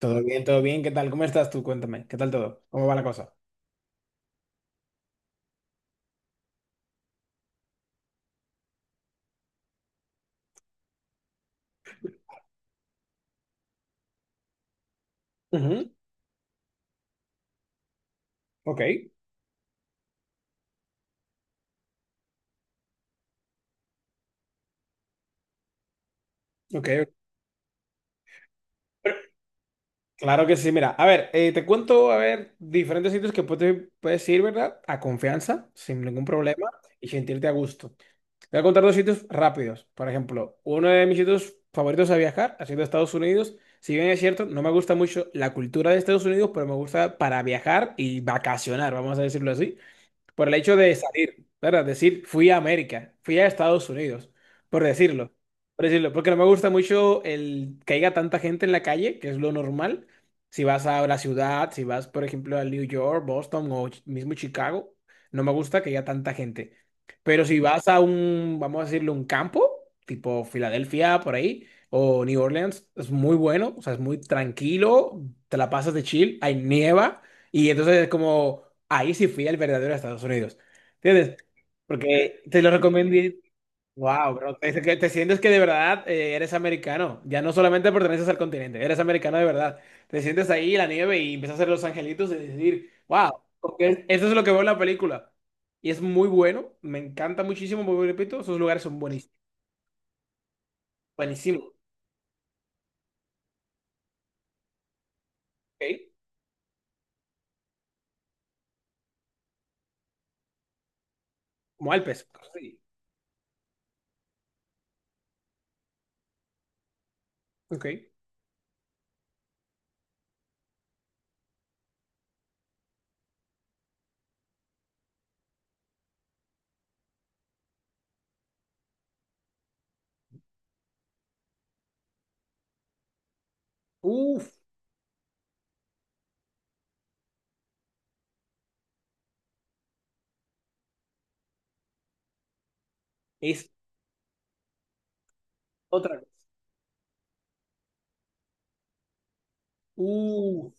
Todo bien, todo bien. ¿Qué tal? ¿Cómo estás tú? Cuéntame. ¿Qué tal todo? ¿Cómo va la cosa? Ujú. Ok, ok. Claro que sí. Mira, a ver, te cuento, a ver, diferentes sitios que puedes ir, ¿verdad? A confianza, sin ningún problema y sentirte a gusto. Te voy a contar dos sitios rápidos. Por ejemplo, uno de mis sitios favoritos a viajar ha sido Estados Unidos. Si bien es cierto, no me gusta mucho la cultura de Estados Unidos, pero me gusta para viajar y vacacionar, vamos a decirlo así. Por el hecho de salir, ¿verdad? Decir, fui a América, fui a Estados Unidos, por decirlo. Por decirlo, porque no me gusta mucho el que haya tanta gente en la calle, que es lo normal. Si vas a la ciudad, si vas, por ejemplo, a New York, Boston o mismo Chicago, no me gusta que haya tanta gente. Pero si vas a un, vamos a decirlo, un campo, tipo Filadelfia, por ahí, o New Orleans, es muy bueno, o sea, es muy tranquilo, te la pasas de chill, hay nieva. Y entonces es como, ahí sí fui al verdadero Estados Unidos. ¿Entiendes? Porque te lo recomendé. Wow, bro. Te, que te sientes que de verdad eres americano. Ya no solamente perteneces al continente, eres americano de verdad. Te sientes ahí en la nieve y empiezas a hacer los angelitos y decir, wow, porque eso es lo que veo en la película. Y es muy bueno, me encanta muchísimo, porque repito, esos lugares son buenísimos. Buenísimos, ¿ok? Como Alpes, cosas así. Ok. Uf, es otra cosa. Uf.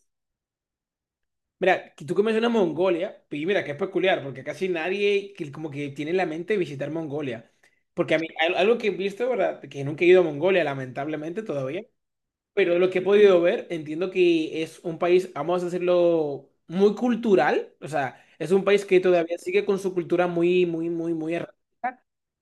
Mira, que tú que mencionas Mongolia, pues, y mira, que es peculiar, porque casi nadie que como que tiene en la mente visitar Mongolia. Porque a mí, algo que he visto, ¿verdad? Que nunca he ido a Mongolia, lamentablemente todavía, pero lo que he podido ver, entiendo que es un país, vamos a decirlo, muy cultural, o sea, es un país que todavía sigue con su cultura muy, muy, muy, muy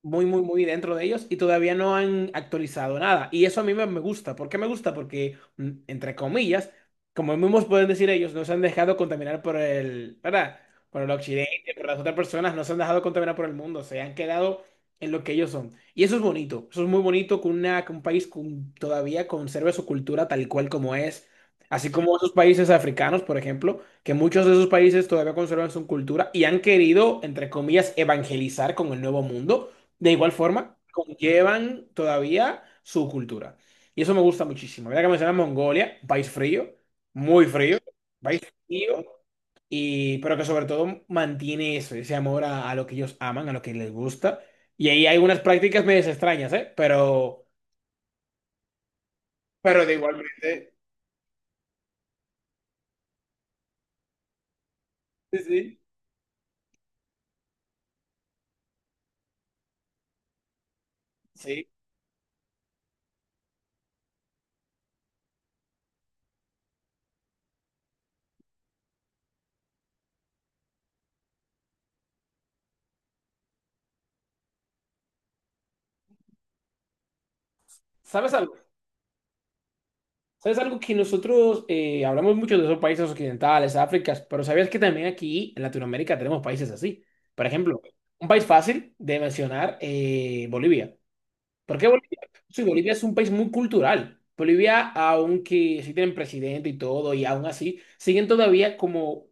muy, muy, muy dentro de ellos y todavía no han actualizado nada. Y eso a mí me gusta. ¿Por qué me gusta? Porque, entre comillas, como mismos pueden decir ellos, no se han dejado contaminar por el, ¿verdad? Por el occidente, por las otras personas, no se han dejado contaminar por el mundo, se han quedado en lo que ellos son. Y eso es bonito, eso es muy bonito que, una, que un país todavía conserve su cultura tal cual como es. Así como esos países africanos, por ejemplo, que muchos de esos países todavía conservan su cultura y han querido, entre comillas, evangelizar con el nuevo mundo de igual forma, conllevan todavía su cultura. Y eso me gusta muchísimo. Mira que mencionas Mongolia, un país frío, muy frío, país frío, y, pero que sobre todo mantiene eso, ese amor a lo que ellos aman, a lo que les gusta. Y ahí hay unas prácticas medio extrañas, ¿eh? Pero de igualmente. Sí, sí. Sí. ¿Sabes algo? ¿Sabes algo que nosotros hablamos mucho de esos países occidentales, África, pero sabías que también aquí en Latinoamérica tenemos países así? Por ejemplo, un país fácil de mencionar, Bolivia. ¿Por qué Bolivia? Sí, Bolivia es un país muy cultural. Bolivia, aunque sí tienen presidente y todo, y aún así, siguen todavía como,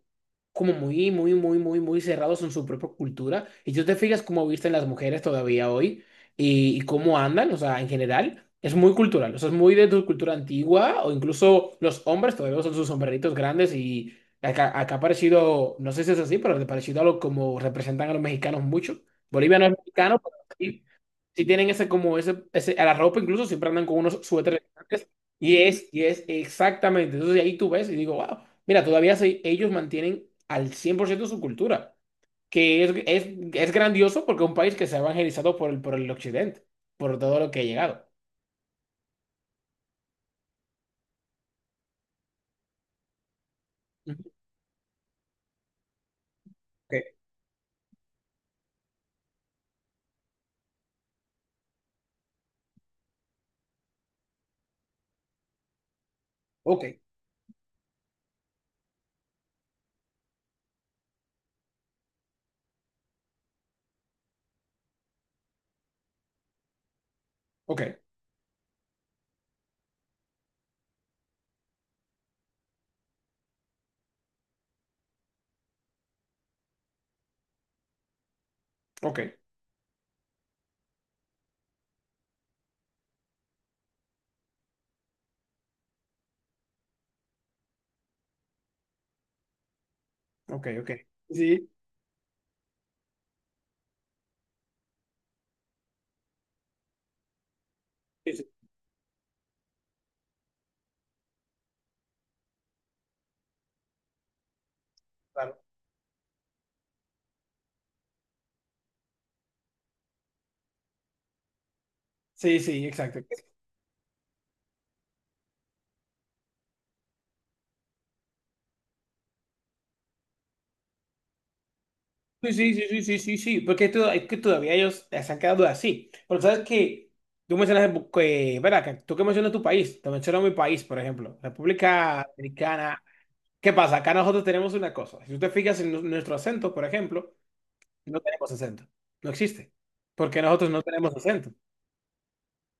como muy, muy, muy, muy, muy cerrados en su propia cultura. Y si tú te fijas cómo visten las mujeres todavía hoy y cómo andan, o sea, en general, es muy cultural. O sea, es muy de tu cultura antigua, o incluso los hombres todavía son sus sombreritos grandes y acá ha parecido, no sé si es así, pero ha parecido a lo como representan a los mexicanos mucho. Bolivia no es mexicano, pero sí si tienen ese como a la ropa incluso siempre andan con unos suéteres elegantes. Y es exactamente, entonces ahí tú ves y digo, wow, mira, todavía ellos mantienen al 100% su cultura, que es grandioso, porque es un país que se ha evangelizado por el, occidente, por todo lo que ha llegado. Ujú. Ok, ok, ok, ok, ok, ok. Sí, sí, sí, claro. Sí, sí, exacto. Sí, sí, sí, sí, sí, sí, sí, porque es que todavía ellos se han quedado así. Pero sabes que tú mencionas, que, ven acá, tú que mencionas tu país, te menciono mi país, por ejemplo, República Dominicana. ¿Qué pasa? Acá nosotros tenemos una cosa. Si tú te fijas en nuestro acento, por ejemplo, no tenemos acento. No existe. Porque nosotros no tenemos acento.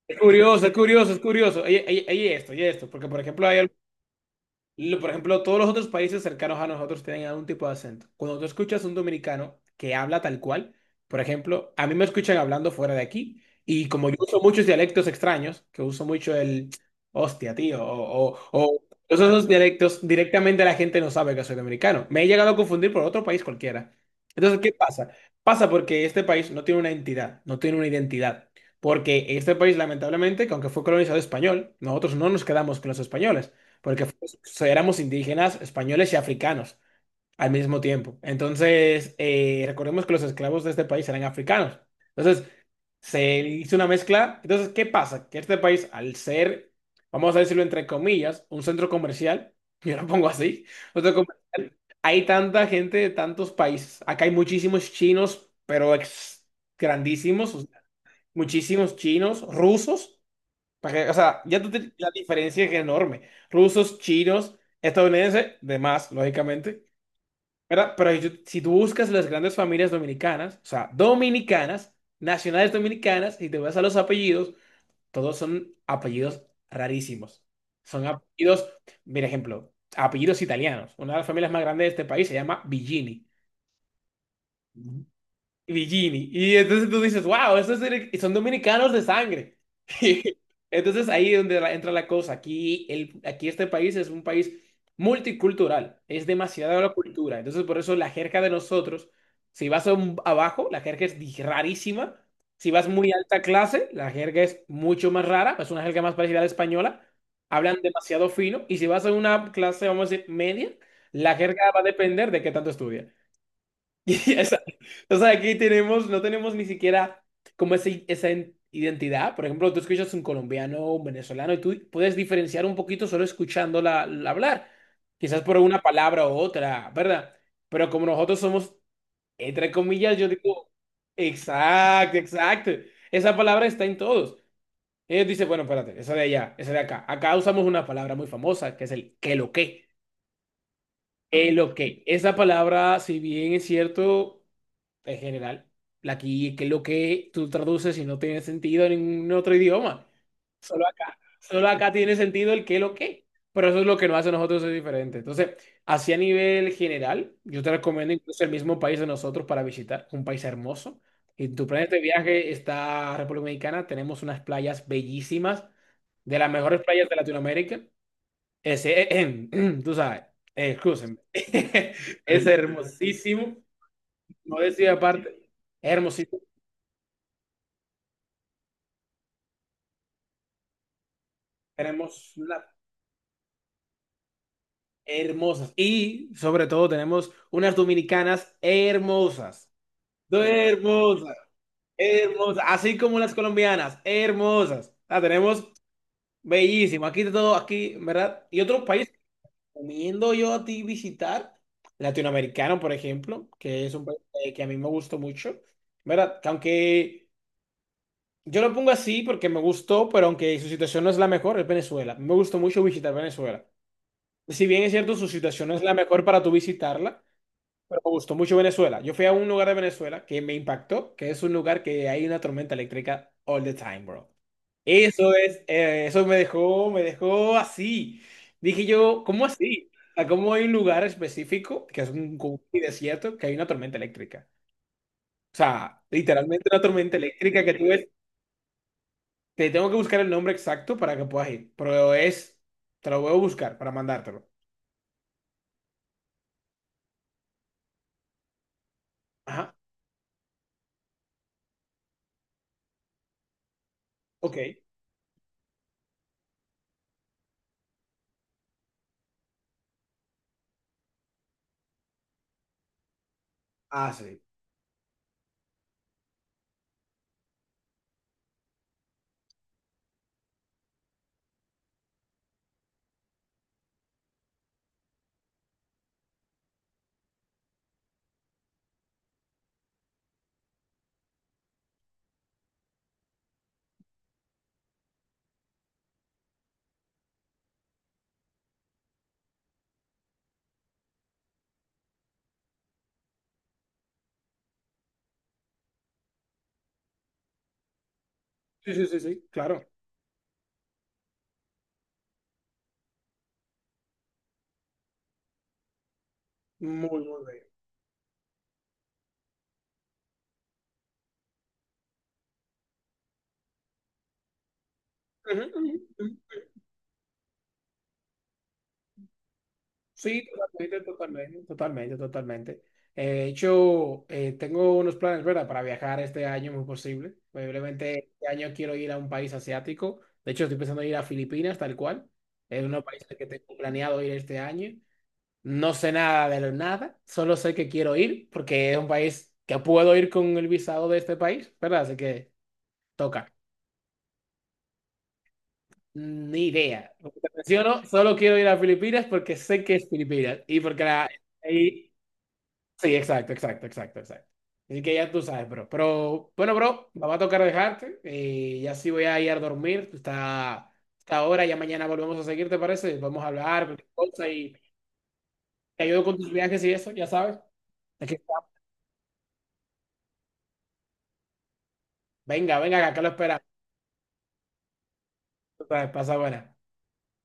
Es curioso, es curioso, es curioso. Oye, oye, oye esto, oye esto. Porque, por ejemplo, hay por ejemplo, todos los otros países cercanos a nosotros tienen algún tipo de acento. Cuando tú escuchas un dominicano que habla tal cual, por ejemplo, a mí me escuchan hablando fuera de aquí y como yo uso muchos dialectos extraños, que uso mucho el hostia, tío, o todos esos dialectos, directamente la gente no sabe que soy dominicano. Me he llegado a confundir por otro país cualquiera. Entonces, ¿qué pasa? Pasa porque este país no tiene una entidad, no tiene una identidad. Porque este país, lamentablemente, que aunque fue colonizado español, nosotros no nos quedamos con los españoles porque pues, éramos indígenas, españoles y africanos al mismo tiempo. Entonces, recordemos que los esclavos de este país eran africanos. Entonces, se hizo una mezcla. Entonces, ¿qué pasa? Que este país, al ser, vamos a decirlo entre comillas, un centro comercial, yo lo pongo así, un centro comercial, hay tanta gente de tantos países. Acá hay muchísimos chinos, pero grandísimos, o sea, muchísimos chinos, rusos. O sea, ya tú la diferencia es enorme. Rusos, chinos, estadounidenses, demás, lógicamente. ¿Verdad? Pero si tú buscas las grandes familias dominicanas, o sea, dominicanas, nacionales dominicanas, y te vas a los apellidos, todos son apellidos rarísimos. Son apellidos, mira ejemplo, apellidos italianos. Una de las familias más grandes de este país se llama Villini. Villini. Y entonces tú dices, wow, esos son dominicanos de sangre. Y entonces ahí es donde entra la cosa. Aquí este país es un país multicultural. Es demasiada la cultura. Entonces por eso la jerga de nosotros, si vas a abajo, la jerga es rarísima. Si vas muy alta clase, la jerga es mucho más rara. Es una jerga más parecida a la española. Hablan demasiado fino. Y si vas a una clase, vamos a decir, media, la jerga va a depender de qué tanto estudias. Y o sea, aquí tenemos, no tenemos ni siquiera como esa identidad. Por ejemplo, tú escuchas un colombiano o un venezolano y tú puedes diferenciar un poquito solo escuchándola la hablar. Quizás por una palabra u otra, ¿verdad? Pero como nosotros somos, entre comillas, yo digo, exacto, exacto. Esa palabra está en todos. Ellos dicen, bueno, espérate, esa de allá, esa de acá. Acá usamos una palabra muy famosa que es el que lo que. Que lo que. Esa palabra, si bien es cierto en general. Aquí, que es lo que tú traduces y no tiene sentido en ningún otro idioma. Solo acá. Solo acá tiene sentido el qué, lo que. Pero eso es lo que nos hace a nosotros ser diferente. Entonces, así a nivel general, yo te recomiendo incluso el mismo país de nosotros para visitar, un país hermoso. En tu planeta de viaje está República Dominicana, tenemos unas playas bellísimas, de las mejores playas de Latinoamérica. Ese, tú sabes, excúsenme. Es hermosísimo. No decía aparte, hermosísimo, tenemos hermosas y sobre todo tenemos unas dominicanas hermosas, hermosas, hermosas, así como las colombianas, hermosas. La tenemos bellísimo, aquí de todo, aquí, ¿verdad? Y otros países que recomiendo yo a ti visitar, latinoamericano, por ejemplo, que es un país que a mí me gustó mucho, ¿verdad? Que aunque yo lo pongo así porque me gustó, pero aunque su situación no es la mejor, es Venezuela. Me gustó mucho visitar Venezuela. Si bien es cierto, su situación no es la mejor para tú visitarla, pero me gustó mucho Venezuela. Yo fui a un lugar de Venezuela que me impactó, que es un lugar que hay una tormenta eléctrica all the time, bro. Eso es, eso me dejó así. Dije yo, ¿cómo así? O sea, ¿cómo hay un lugar específico, que es un, como un desierto, que hay una tormenta eléctrica? O sea, literalmente una tormenta eléctrica que tú ves, te tengo que buscar el nombre exacto para que puedas ir, pero es, te lo voy a buscar para mandártelo. Ajá, ok. Ah, sí. Sí, sí, sí, sí, claro. Muy, muy bien. Ujú, ujú, ujú. Sí, totalmente, totalmente, totalmente, totalmente. De hecho, tengo unos planes, ¿verdad? Para viajar este año, muy posible. Probablemente este año quiero ir a un país asiático. De hecho, estoy pensando en ir a Filipinas, tal cual. Es uno de los países que tengo planeado ir este año. No sé nada de nada, solo sé que quiero ir porque es un país que puedo ir con el visado de este país, ¿verdad? Así que toca. Ni idea. Como te menciono, solo quiero ir a Filipinas porque sé que es Filipinas. Y porque y- sí, exacto, exacto, exacto, exacto. Así que ya tú sabes, bro. Pero bueno, bro, me va a tocar dejarte. Ya sí voy a ir a dormir. Tú está ahora, ya mañana volvemos a seguir, ¿te parece? Vamos a hablar, cualquier cosa y te ayudo con tus viajes y eso, ya sabes. Aquí está. Venga, venga, acá lo esperamos. Tú sabes, pasa buena.